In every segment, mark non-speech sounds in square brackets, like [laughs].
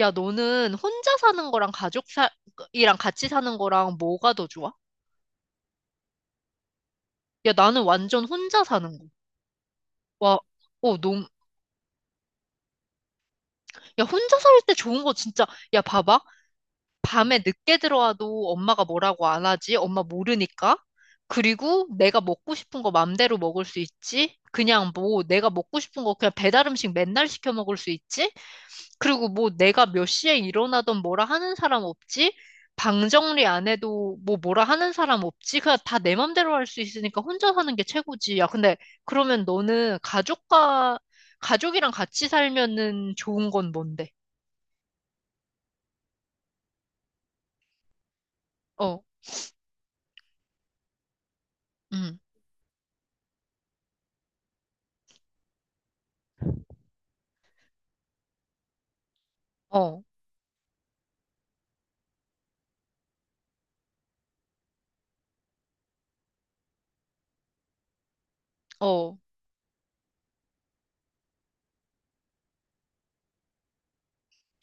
야, 너는 혼자 사는 거랑 가족이랑 같이 사는 거랑 뭐가 더 좋아? 야, 나는 완전 혼자 사는 거. 와, 너무, 야, 혼자 살 때 좋은 거 진짜, 야, 봐봐. 밤에 늦게 들어와도 엄마가 뭐라고 안 하지? 엄마 모르니까. 그리고 내가 먹고 싶은 거 맘대로 먹을 수 있지? 그냥 뭐, 내가 먹고 싶은 거 그냥 배달 음식 맨날 시켜 먹을 수 있지? 그리고 뭐 내가 몇 시에 일어나던 뭐라 하는 사람 없지? 방 정리 안 해도 뭐라 하는 사람 없지? 그냥 다 내 맘대로 할 수 있으니까 혼자 사는 게 최고지. 야, 근데 그러면 너는 가족이랑 같이 살면은 좋은 건 뭔데? 어, 음, 어, 어,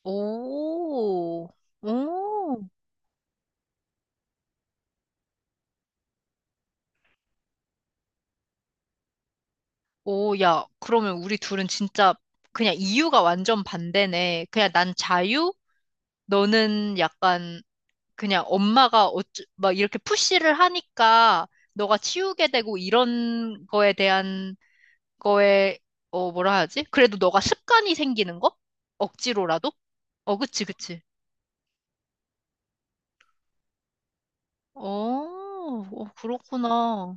오, 오, 오, 야, 그러면 우리 둘은 진짜 그냥 이유가 완전 반대네. 그냥 난 자유? 너는 약간 그냥 엄마가 막 이렇게 푸시를 하니까 너가 치우게 되고 이런 거에 대한 거에, 어, 뭐라 하지? 그래도 너가 습관이 생기는 거? 억지로라도? 어, 그치, 그치. 어, 어, 그렇구나.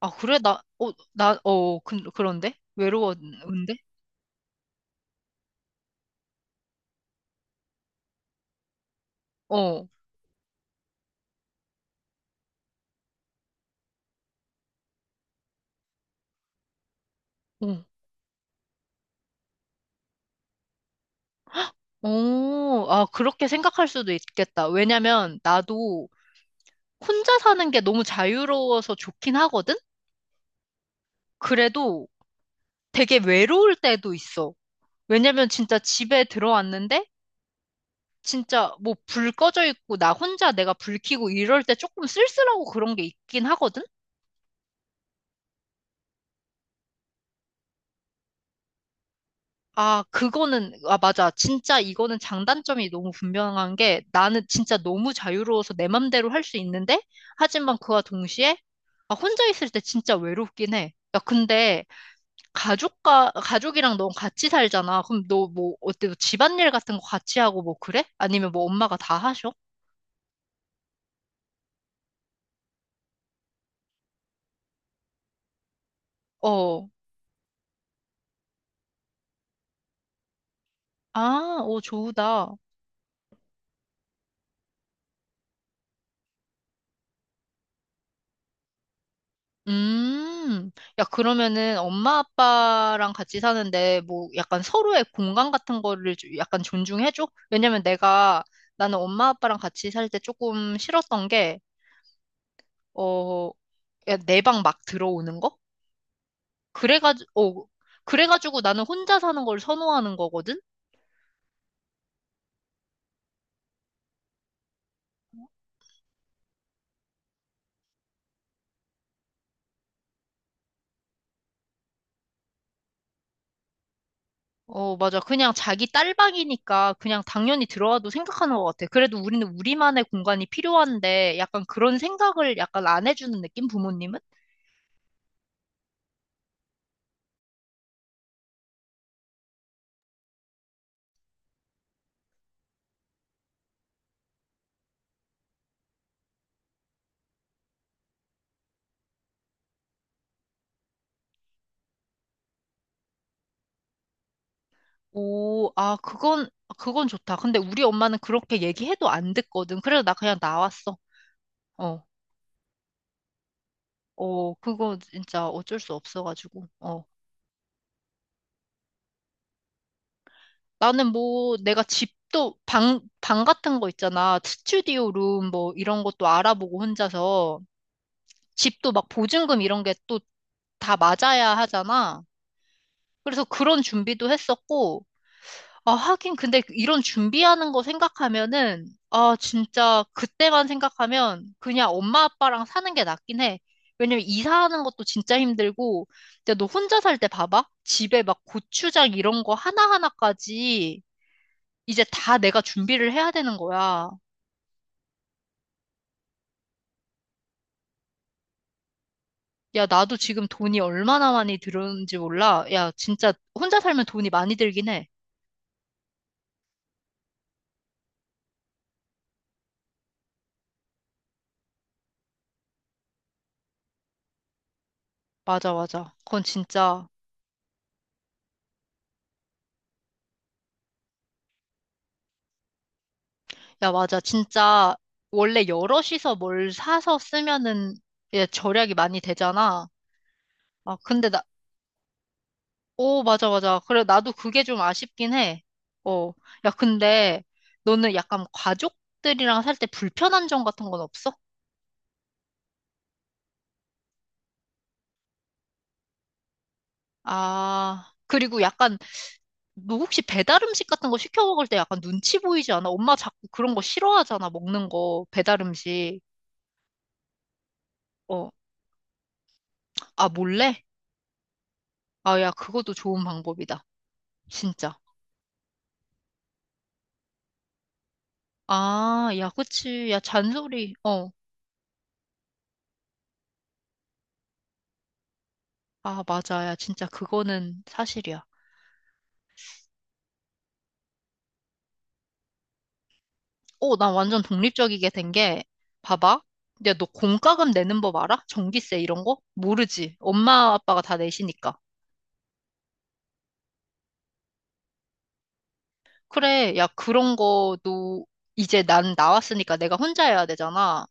아, 그래? 그런데? 외로웠는데? 어, 어, 어, 아, 그렇게 생각할 수도 있겠다. 왜냐면 나도 혼자 사는 게 너무 자유로워서 좋긴 하거든? 그래도 되게 외로울 때도 있어. 왜냐면 진짜 집에 들어왔는데 진짜 뭐 불 꺼져 있고 나 혼자 내가 불 켜고 이럴 때 조금 쓸쓸하고 그런 게 있긴 하거든? 아, 그거는, 아, 맞아. 진짜 이거는 장단점이 너무 분명한 게 나는 진짜 너무 자유로워서 내 맘대로 할 수 있는데 하지만 그와 동시에 아, 혼자 있을 때 진짜 외롭긴 해. 야, 근데 가족과 가족이랑 너 같이 살잖아. 그럼 너 뭐 어때? 너 집안일 같은 거 같이 하고 뭐 그래? 아니면 뭐 엄마가 다 하셔? 어. 아, 오, 좋다. 음. 야, 그러면은 엄마 아빠랑 같이 사는데 뭐 약간 서로의 공간 같은 거를 좀 약간 존중해줘? 왜냐면 내가 나는 엄마 아빠랑 같이 살 때 조금 싫었던 게, 어, 내 방 막 들어오는 거? 그래가지고, 어, 그래가지고 나는 혼자 사는 걸 선호하는 거거든? 어, 맞아. 그냥 자기 딸방이니까 그냥 당연히 들어와도 생각하는 것 같아. 그래도 우리는 우리만의 공간이 필요한데 약간 그런 생각을 약간 안 해주는 느낌? 부모님은? 오, 아, 그건, 그건 좋다. 근데 우리 엄마는 그렇게 얘기해도 안 듣거든. 그래서 나 그냥 나왔어. 어, 어, 그거 진짜 어쩔 수 없어가지고. 어. 나는 뭐 내가 집도 방 같은 거 있잖아. 스튜디오 룸 뭐 이런 것도 알아보고 혼자서. 집도 막 보증금 이런 게또 다 맞아야 하잖아. 그래서 그런 준비도 했었고, 아, 하긴 근데 이런 준비하는 거 생각하면은, 아, 진짜 그때만 생각하면 그냥 엄마 아빠랑 사는 게 낫긴 해. 왜냐면 이사하는 것도 진짜 힘들고, 근데 너 혼자 살 때 봐봐. 집에 막 고추장 이런 거 하나하나까지 이제 다 내가 준비를 해야 되는 거야. 야, 나도 지금 돈이 얼마나 많이 들었는지 몰라. 야, 진짜 혼자 살면 돈이 많이 들긴 해. 맞아, 맞아. 그건 진짜 야, 맞아. 진짜 원래 여럿이서 뭘 사서 쓰면은 예, 절약이 많이 되잖아. 아, 근데 나, 오, 맞아, 맞아. 그래, 나도 그게 좀 아쉽긴 해. 어. 야, 근데 너는 약간 가족들이랑 살 때 불편한 점 같은 건 없어? 아, 그리고 약간 너 혹시 배달 음식 같은 거 시켜 먹을 때 약간 눈치 보이지 않아? 엄마 자꾸 그런 거 싫어하잖아, 먹는 거, 배달 음식. 어, 아, 몰래? 아, 야, 그것도 좋은 방법이다. 진짜. 아, 야, 그치. 야, 잔소리. 어. 아, 맞아. 야, 진짜 그거는 사실이야. 어, 나 완전 독립적이게 된 게, 봐봐. 야, 너 공과금 내는 법 알아? 전기세 이런 거? 모르지. 엄마, 아빠가 다 내시니까. 그래. 야, 그런 거도 이제 난 나왔으니까 내가 혼자 해야 되잖아.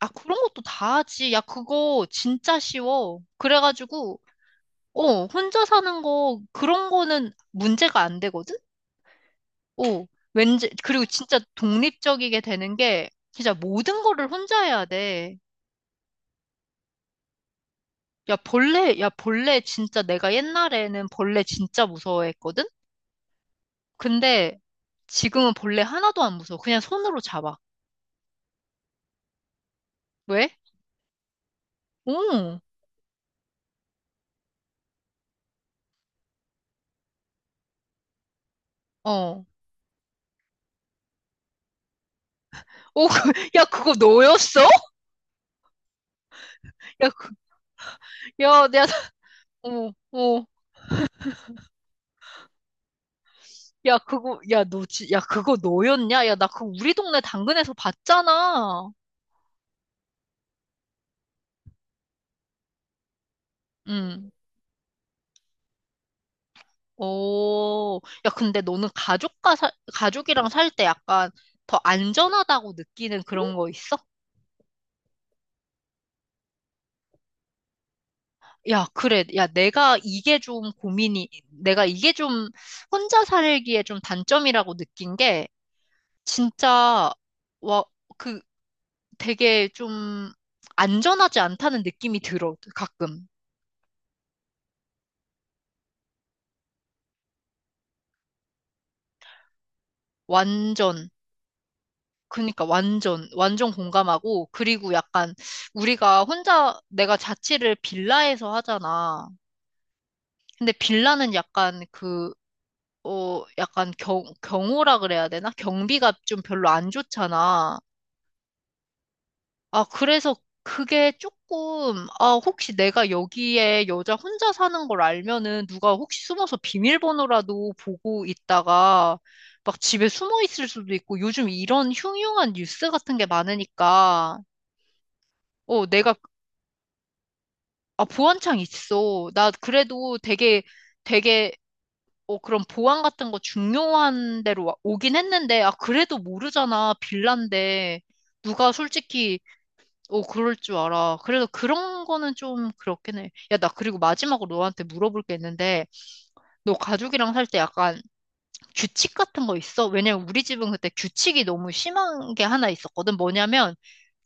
아, 그런 것도 다 하지. 야, 그거 진짜 쉬워. 그래가지고, 어, 혼자 사는 거, 그런 거는 문제가 안 되거든? 오, 왠지, 그리고 진짜 독립적이게 되는 게, 진짜 모든 거를 혼자 해야 돼. 야, 벌레, 야, 벌레 진짜 내가 옛날에는 벌레 진짜 무서워했거든? 근데 지금은 벌레 하나도 안 무서워. 그냥 손으로 잡아. 왜? 오, 어. 오, [laughs] 그, 야, 그거 너였어? 야, 그, 야, 내가, 어, 어. 야, 그거, 야, 너, 야, 그거 너였냐? 야, 나 그거 우리 동네 당근에서 봤잖아. 응. 오, 야, 근데 너는 가족이랑 살 때 약간 더 안전하다고 느끼는 그런 거 있어? 야, 그래. 야, 내가 이게 좀 혼자 살기에 좀 단점이라고 느낀 게, 진짜, 와, 그 되게 좀 안전하지 않다는 느낌이 들어, 가끔. 완전. 그니까 완전, 완전 공감하고, 그리고 약간 우리가 혼자, 내가 자취를 빌라에서 하잖아. 근데 빌라는 약간 그, 어, 약간 경호라 그래야 되나? 경비가 좀 별로 안 좋잖아. 아, 그래서 그게 조금, 아, 혹시 내가 여기에 여자 혼자 사는 걸 알면은 누가 혹시 숨어서 비밀번호라도 보고 있다가 막 집에 숨어 있을 수도 있고 요즘 이런 흉흉한 뉴스 같은 게 많으니까, 어, 내가, 아, 보안창 있어. 나 그래도 되게, 되게 어, 그럼 보안 같은 거 중요한 데로 오긴 했는데, 아, 그래도 모르잖아. 빌란데. 누가 솔직히, 어, 그럴 줄 알아. 그래서 그런 거는 좀 그렇긴 해. 야, 나 그리고 마지막으로 너한테 물어볼 게 있는데, 너 가족이랑 살 때 약간 규칙 같은 거 있어? 왜냐면 우리 집은 그때 규칙이 너무 심한 게 하나 있었거든. 뭐냐면,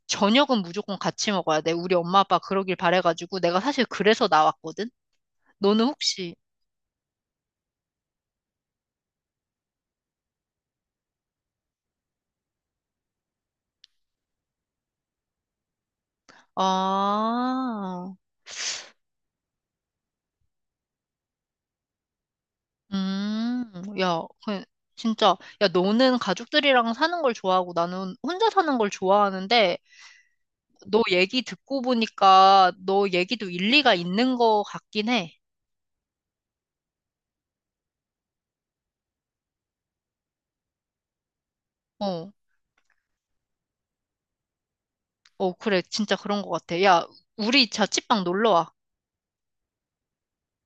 저녁은 무조건 같이 먹어야 돼. 우리 엄마 아빠 그러길 바래가지고, 내가 사실 그래서 나왔거든? 너는 혹시, 아, 음, 야, 그, 진짜, 야, 너는 가족들이랑 사는 걸 좋아하고 나는 혼자 사는 걸 좋아하는데, 너 얘기 듣고 보니까 너 얘기도 일리가 있는 것 같긴 해. 어, 어, 그래, 진짜 그런 것 같아. 야, 우리 자취방 놀러 와.